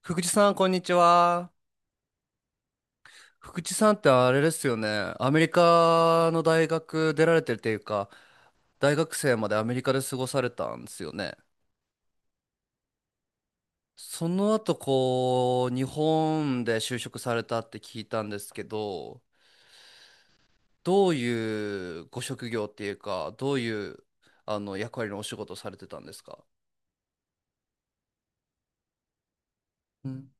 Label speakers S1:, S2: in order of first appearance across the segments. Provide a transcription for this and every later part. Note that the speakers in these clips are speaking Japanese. S1: 福地さん、こんにちは。福地さんってあれですよね。アメリカの大学出られてるっていうか、大学生までアメリカで過ごされたんですよね。その後、こう、日本で就職されたって聞いたんですけど、どういうご職業っていうか、どういう、あの、役割のお仕事をされてたんですか？うん、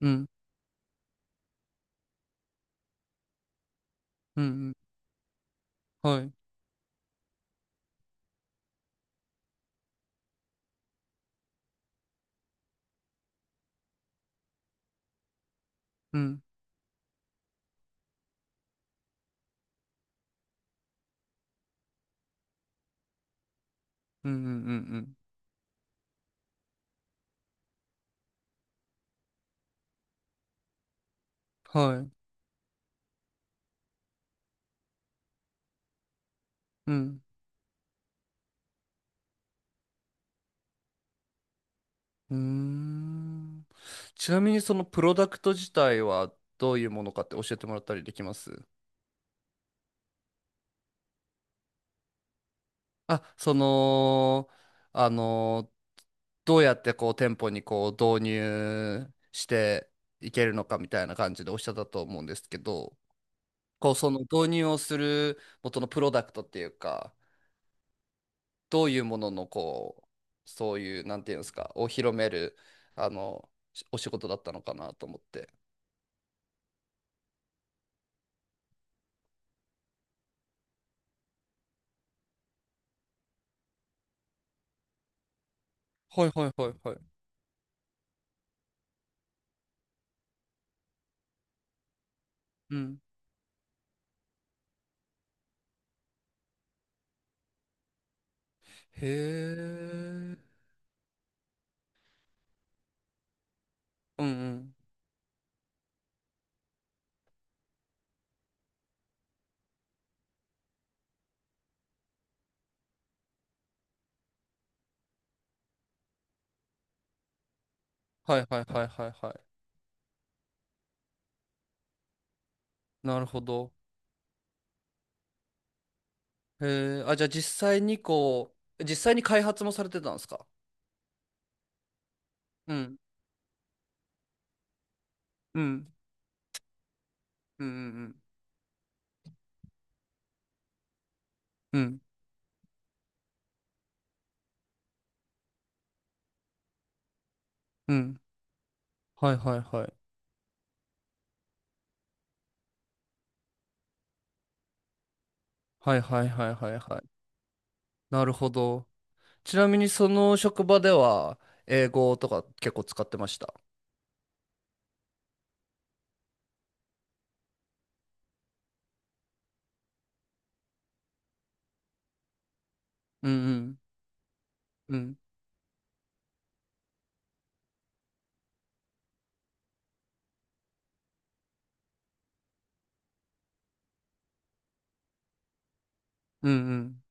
S1: うん、うん、うん。はい、うん、うん、うん、うん、うん。はい、うん。うーん。ちなみにそのプロダクト自体はどういうものかって教えてもらったりできます？あ、その、あの、どうやってこう店舗にこう導入していけるのかみたいな感じでおっしゃったと思うんですけど、こうその導入をする元のプロダクトっていうか、どういうもののこう、そういう、なんていうんですか、を広める、あの、お仕事だったのかなと思って。はいはいはいはい。うん。へえ。うんうん。はいはいはいはいはい。なるほど。へえ。あ、じゃあ実際に開発もされてたんですか？うん。うん。うんうんうん。うん。うん。はいはいはい。はいはいはいはいはい。なるほど。ちなみにその職場では、英語とか結構使ってました？うんうん。うんうんうん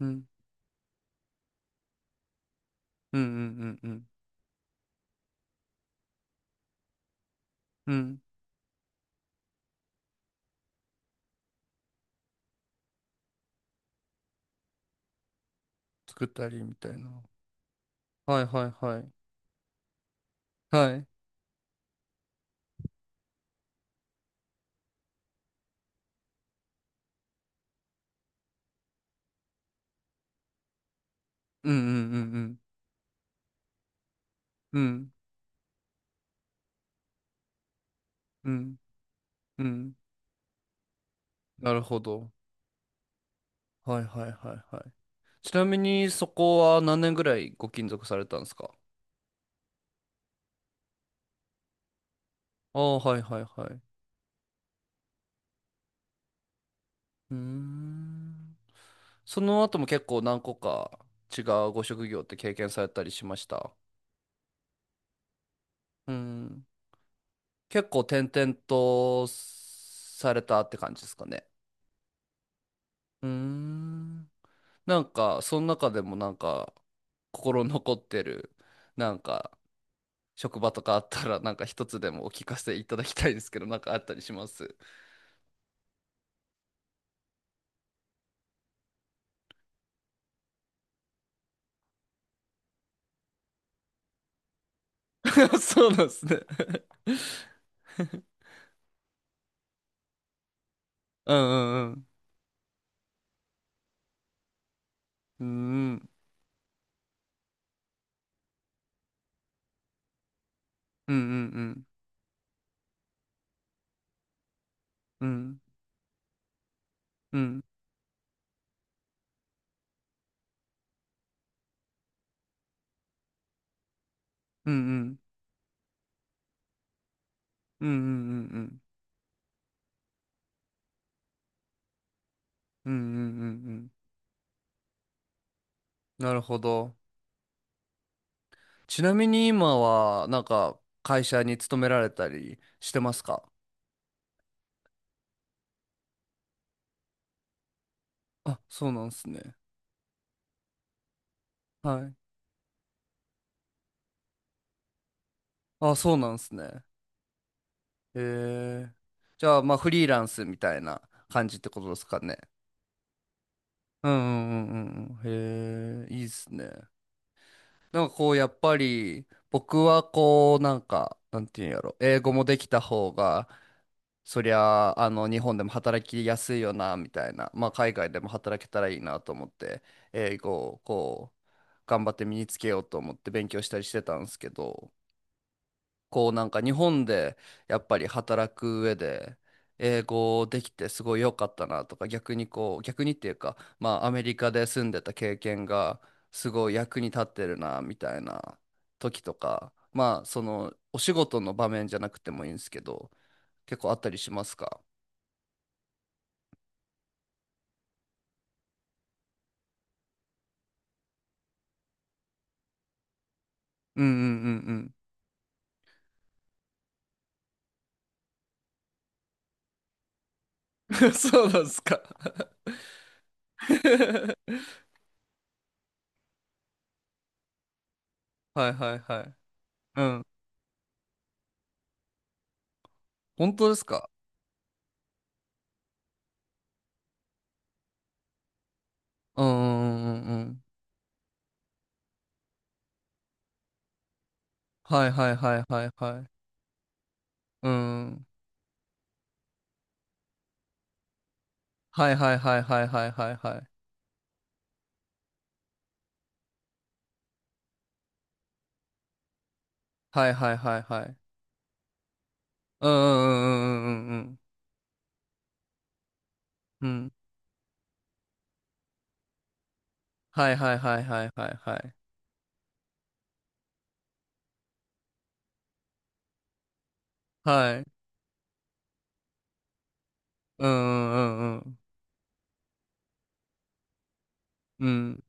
S1: うんうんうんうんうんうん。作ったりみたいな。はいはいはい。はい。うんうんうんうん。うんうんうん。なるほど。はいはいはいはい。ちなみにそこは何年ぐらいご勤続されたんですか？ああ、はいはいはい。うーん。その後も結構何個か違うご職業って経験されたりしました？うん。結構転々とされたって感じですかね。うーん。なんか、その中でもなんか、心残ってる、なんか、職場とかあったら、なんか一つでもお聞かせいただきたいですけど、なんかあったりします？ そうなんですね。 うんうんうんうんうんうんうんうんうんうんうんうんうんうんうんうんうん。なるほど。ちなみに今はなんか会社に勤められたりしてますか？あ、そうなんですね。はい。あ、そうなんですね。へえ。じゃあまあフリーランスみたいな感じってことですかね？うんうんうんうんうん。へえ、いいっすね。なんかこう、やっぱり、僕はこう、なんか、なんていうんやろ、英語もできた方が、そりゃあ、あの、日本でも働きやすいよな、みたいな、まあ、海外でも働けたらいいなと思って、英語をこう、頑張って身につけようと思って勉強したりしてたんですけど、こうなんか日本でやっぱり働く上で英語できてすごい良かったなとか逆にっていうかまあアメリカで住んでた経験がすごい役に立ってるなみたいな時とかまあそのお仕事の場面じゃなくてもいいんですけど結構あったりしますか？ うんうんうんうん。 そうなんですか？ はいはいはい。うん。本当ですか？うんうんうんうんうん。はいはいはいはいはい。うん。はいはいはいはいはいはいはい。はいはいはいはい。うんうんうんうんうんうんうん。うん。はいはいはいはいはいはい。はい。うんうんうんうん。うん。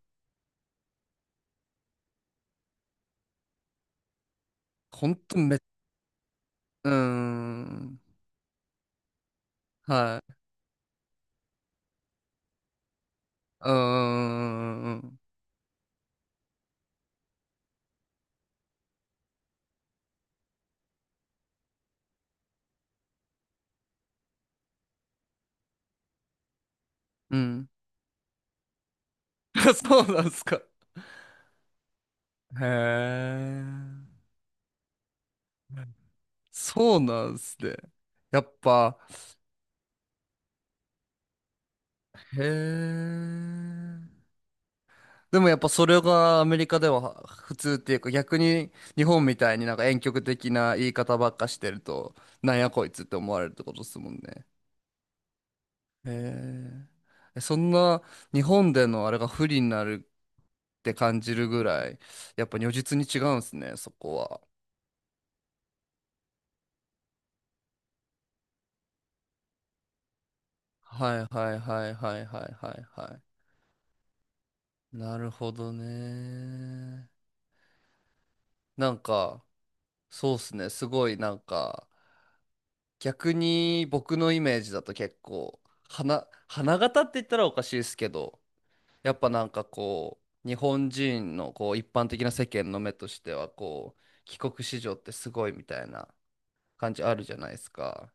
S1: ほんとめ、うん。はい。うんうんうんうんうん。うん。そうなんすか。へえ。そうなんすね。やっぱ、へえ。でもやっぱそれがアメリカでは普通っていうか逆に日本みたいになんか婉曲的な言い方ばっかしてるとなんやこいつって思われるってことですもんね。へえ。そんな日本でのあれが不利になるって感じるぐらいやっぱ如実に違うんですねそこは。はいはいはいはいはいはいはい。なるほどね。なんかそうっすねすごいなんか。逆に僕のイメージだと結構花形って言ったらおかしいですけどやっぱなんかこう日本人のこう一般的な世間の目としてはこう帰国子女ってすごいみたいな感じあるじゃないですか。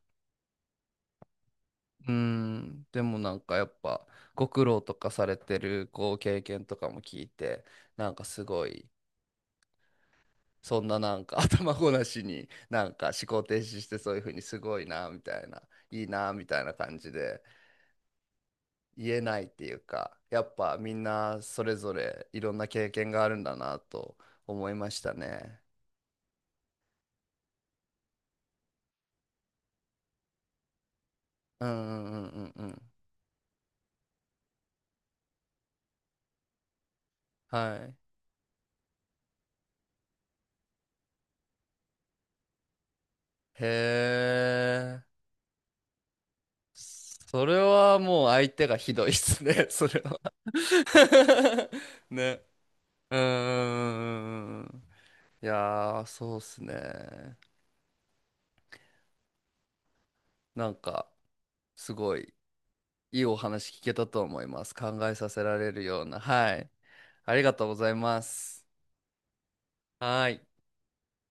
S1: うーん。でもなんかやっぱご苦労とかされてるこう経験とかも聞いてなんかすごいそんななんか 頭ごなしになんか思考停止してそういうふうにすごいなみたいないいなみたいな感じで。言えないっていうか、やっぱみんなそれぞれいろんな経験があるんだなと思いましたね。うんうんうんうんうん。はい。へえ。それはもう相手がひどいっすね、それは。 ね。うんうんうんうんうん。いやー、そうっすね。なんか、すごいいいお話聞けたと思います。考えさせられるような。はい。ありがとうございます。はーい。